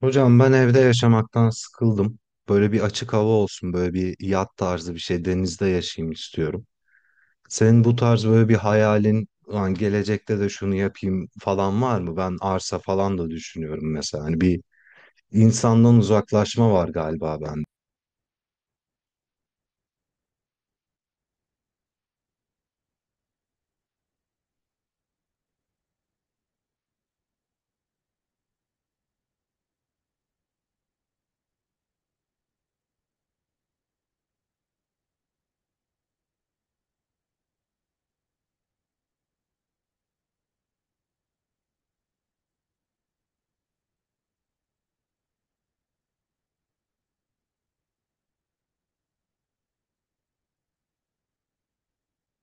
Hocam ben evde yaşamaktan sıkıldım. Böyle bir açık hava olsun, böyle bir yat tarzı bir şey denizde yaşayayım istiyorum. Senin bu tarz böyle bir hayalin, "Ulan gelecekte de şunu yapayım falan var mı? Ben arsa falan da düşünüyorum mesela. Hani bir insandan uzaklaşma var galiba bende.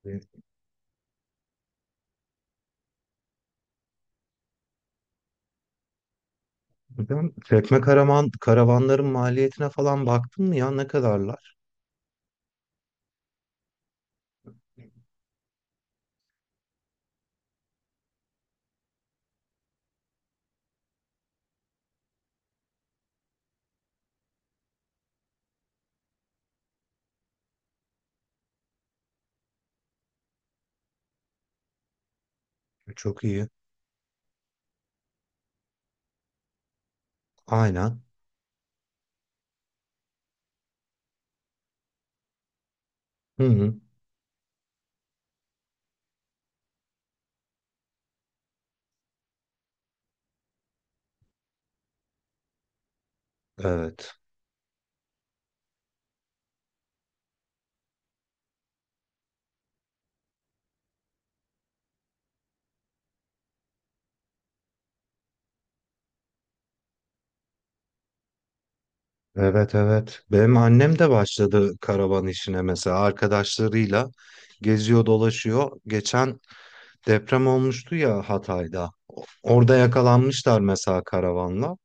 Evet. Hocam çekme karavan, karavanların maliyetine falan baktın mı ya ne kadarlar? Çok iyi. Aynen. Hı hı. Evet. Evet, evet. Benim annem de başladı karavan işine mesela arkadaşlarıyla geziyor dolaşıyor. Geçen deprem olmuştu ya Hatay'da. Orada yakalanmışlar mesela karavanla.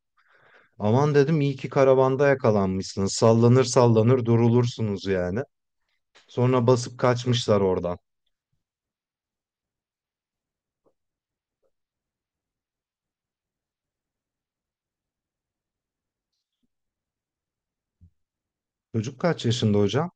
Aman dedim iyi ki karavanda yakalanmışsınız. Sallanır sallanır durulursunuz yani. Sonra basıp kaçmışlar oradan. Çocuk kaç yaşında hocam?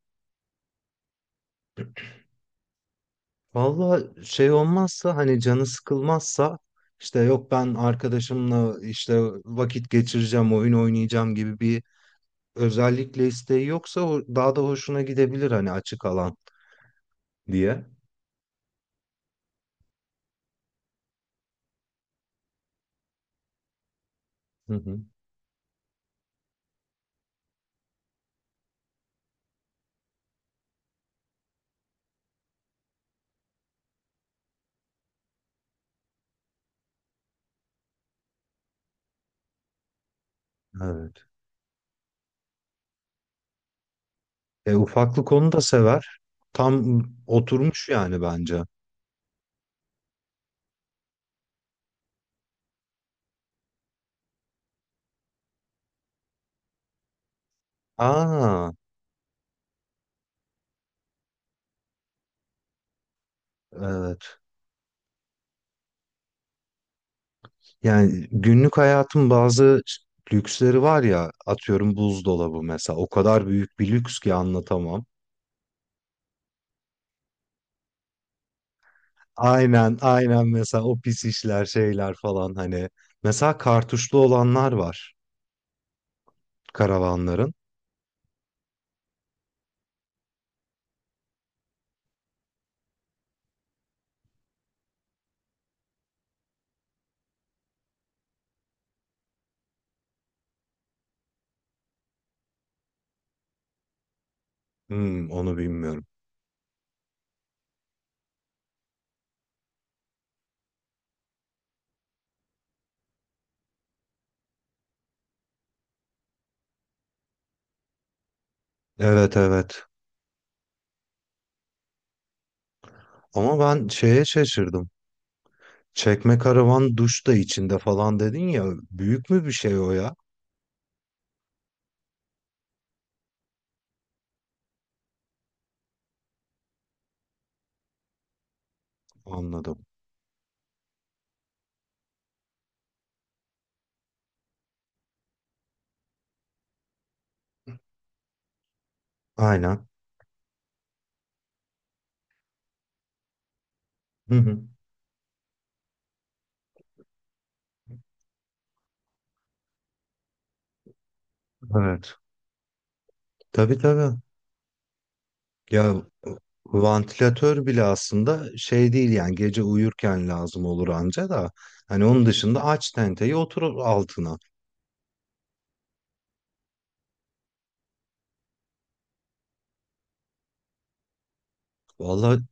Valla şey olmazsa hani canı sıkılmazsa işte yok ben arkadaşımla işte vakit geçireceğim, oyun oynayacağım gibi bir özellikle isteği yoksa daha da hoşuna gidebilir hani açık alan diye. Hı hı. Evet. Ufaklık onu da sever. Tam oturmuş yani bence. Aa, evet. Yani günlük hayatın bazı lüksleri var ya atıyorum buzdolabı mesela o kadar büyük bir lüks ki anlatamam. Aynen, aynen, mesela o pis işler şeyler falan hani. Mesela kartuşlu olanlar var karavanların. Hmm, onu bilmiyorum. Evet, evet. Ama ben şeye şaşırdım. Çekme karavan duş da içinde falan dedin ya. Büyük mü bir şey o ya? Anladım. Aynen. Hı hı. Evet. Tabii, tabii. Ya vantilatör bile aslında şey değil yani gece uyurken lazım olur anca da. Hani onun dışında aç tenteyi otur altına. Vallahi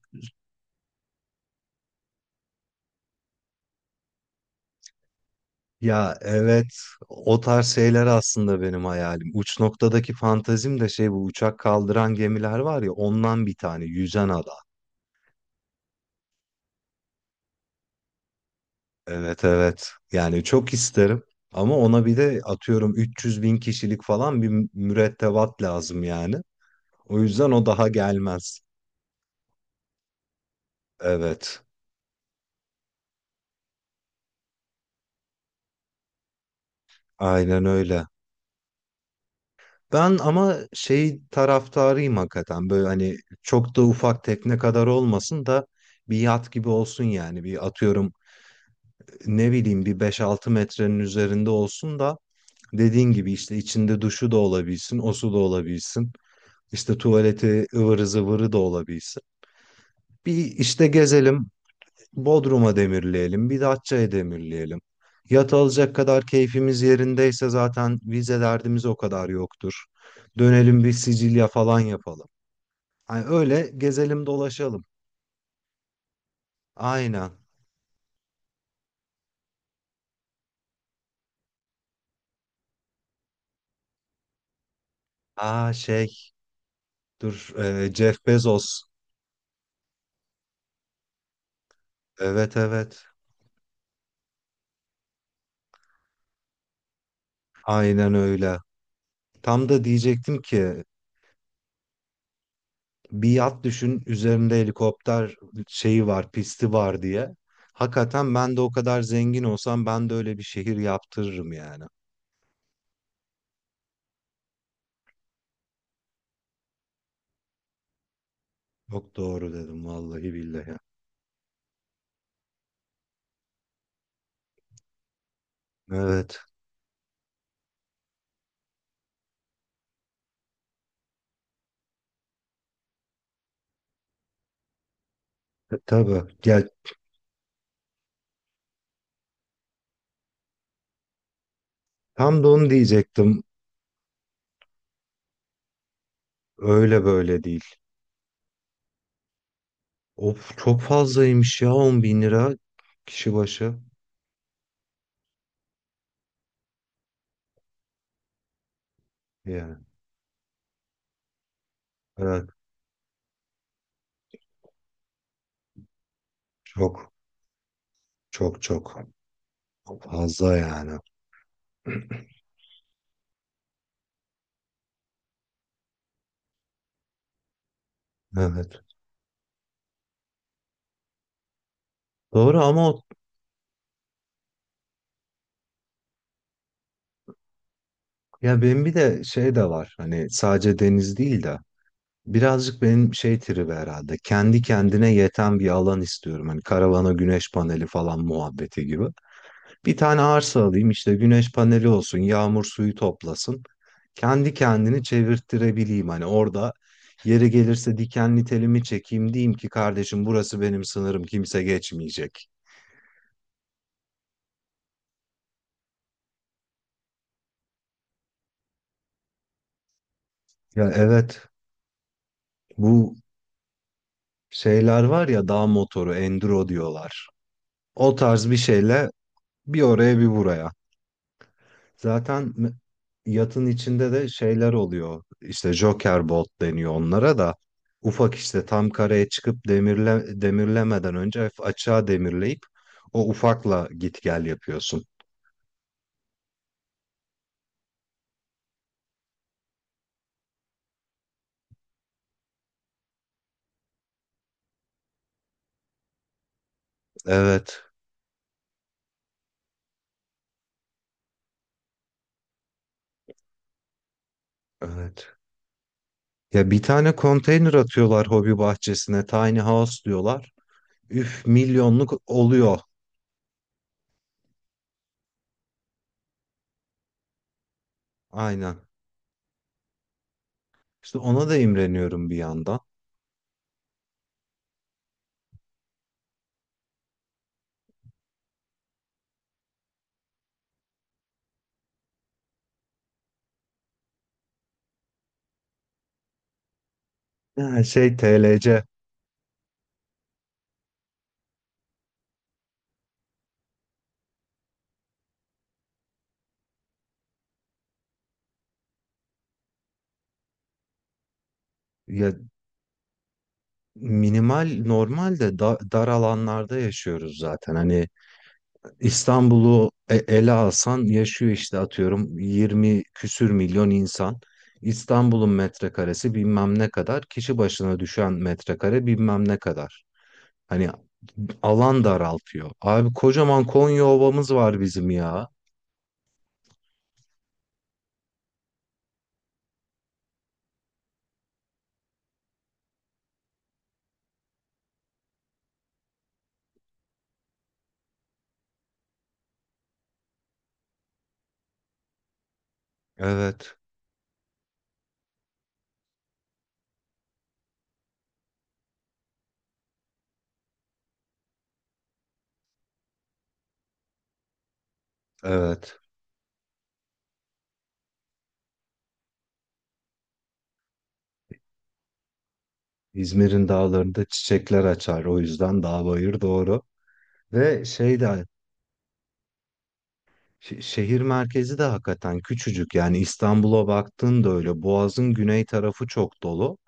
ya, evet, o tarz şeyler aslında benim hayalim. Uç noktadaki fantazim de şey bu uçak kaldıran gemiler var ya ondan bir tane yüzen adam. Evet, evet. Yani çok isterim. Ama ona bir de atıyorum 300 bin kişilik falan bir mürettebat lazım yani. O yüzden o daha gelmez. Evet. Aynen öyle. Ben ama şey taraftarıyım hakikaten. Böyle hani çok da ufak tekne kadar olmasın da bir yat gibi olsun yani. Bir atıyorum ne bileyim bir beş altı metrenin üzerinde olsun da dediğin gibi işte içinde duşu da olabilsin, o su da olabilsin. İşte tuvaleti ıvırı zıvırı da olabilsin. Bir işte gezelim, Bodrum'a demirleyelim, bir Datça'ya demirleyelim. Yat alacak kadar keyfimiz yerindeyse zaten vize derdimiz o kadar yoktur. Dönelim bir Sicilya falan yapalım. Hani öyle gezelim dolaşalım. Aynen. Aa şey, dur, Jeff Bezos. Evet, evet, aynen öyle. Tam da diyecektim ki bir yat düşün üzerinde helikopter şeyi var, pisti var diye. Hakikaten ben de o kadar zengin olsam ben de öyle bir şehir yaptırırım yani. Çok doğru dedim vallahi billahi. Evet. Tabii. Ya tam da onu diyecektim. Öyle böyle değil. Of, çok fazlaymış ya, 10 bin lira kişi başı. Yani evet, çok, çok, çok fazla yani. Evet. Doğru ama o, ya benim bir de şey de var. Hani sadece deniz değil de birazcık benim şey tribi herhalde. Kendi kendine yeten bir alan istiyorum. Hani karavana güneş paneli falan muhabbeti gibi. Bir tane arsa alayım işte güneş paneli olsun, yağmur suyu toplasın. Kendi kendini çevirttirebileyim. Hani orada yeri gelirse dikenli telimi çekeyim diyeyim ki kardeşim burası benim sınırım kimse geçmeyecek. Ya evet, bu şeyler var ya, dağ motoru, enduro diyorlar. O tarz bir şeyle bir oraya bir buraya. Zaten yatın içinde de şeyler oluyor. İşte Joker Bolt deniyor onlara da. Ufak işte tam kareye çıkıp demirle, demirlemeden önce hafif açığa demirleyip o ufakla git gel yapıyorsun. Evet, evet. Ya bir tane konteyner atıyorlar hobi bahçesine. Tiny House diyorlar. Üf, milyonluk oluyor. Aynen. İşte ona da imreniyorum bir yandan. Yani şey, TLC. Ya minimal normalde da dar alanlarda yaşıyoruz zaten. Hani İstanbul'u ele alsan yaşıyor işte atıyorum 20 küsür milyon insan. İstanbul'un metrekaresi bilmem ne kadar, kişi başına düşen metrekare bilmem ne kadar. Hani alan daraltıyor. Abi kocaman Konya Ovamız var bizim ya. Evet, evet. İzmir'in dağlarında çiçekler açar. O yüzden dağ bayır doğru. Ve şey de şehir merkezi de hakikaten küçücük. Yani İstanbul'a baktığında öyle. Boğaz'ın güney tarafı çok dolu.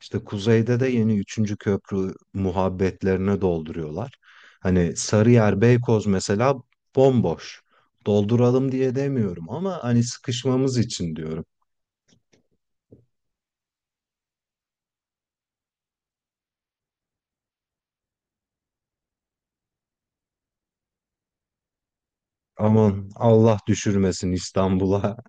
İşte kuzeyde de yeni üçüncü köprü muhabbetlerine dolduruyorlar. Hani Sarıyer, Beykoz mesela bomboş. Dolduralım diye demiyorum ama hani sıkışmamız için diyorum. Aman Allah düşürmesin İstanbul'a.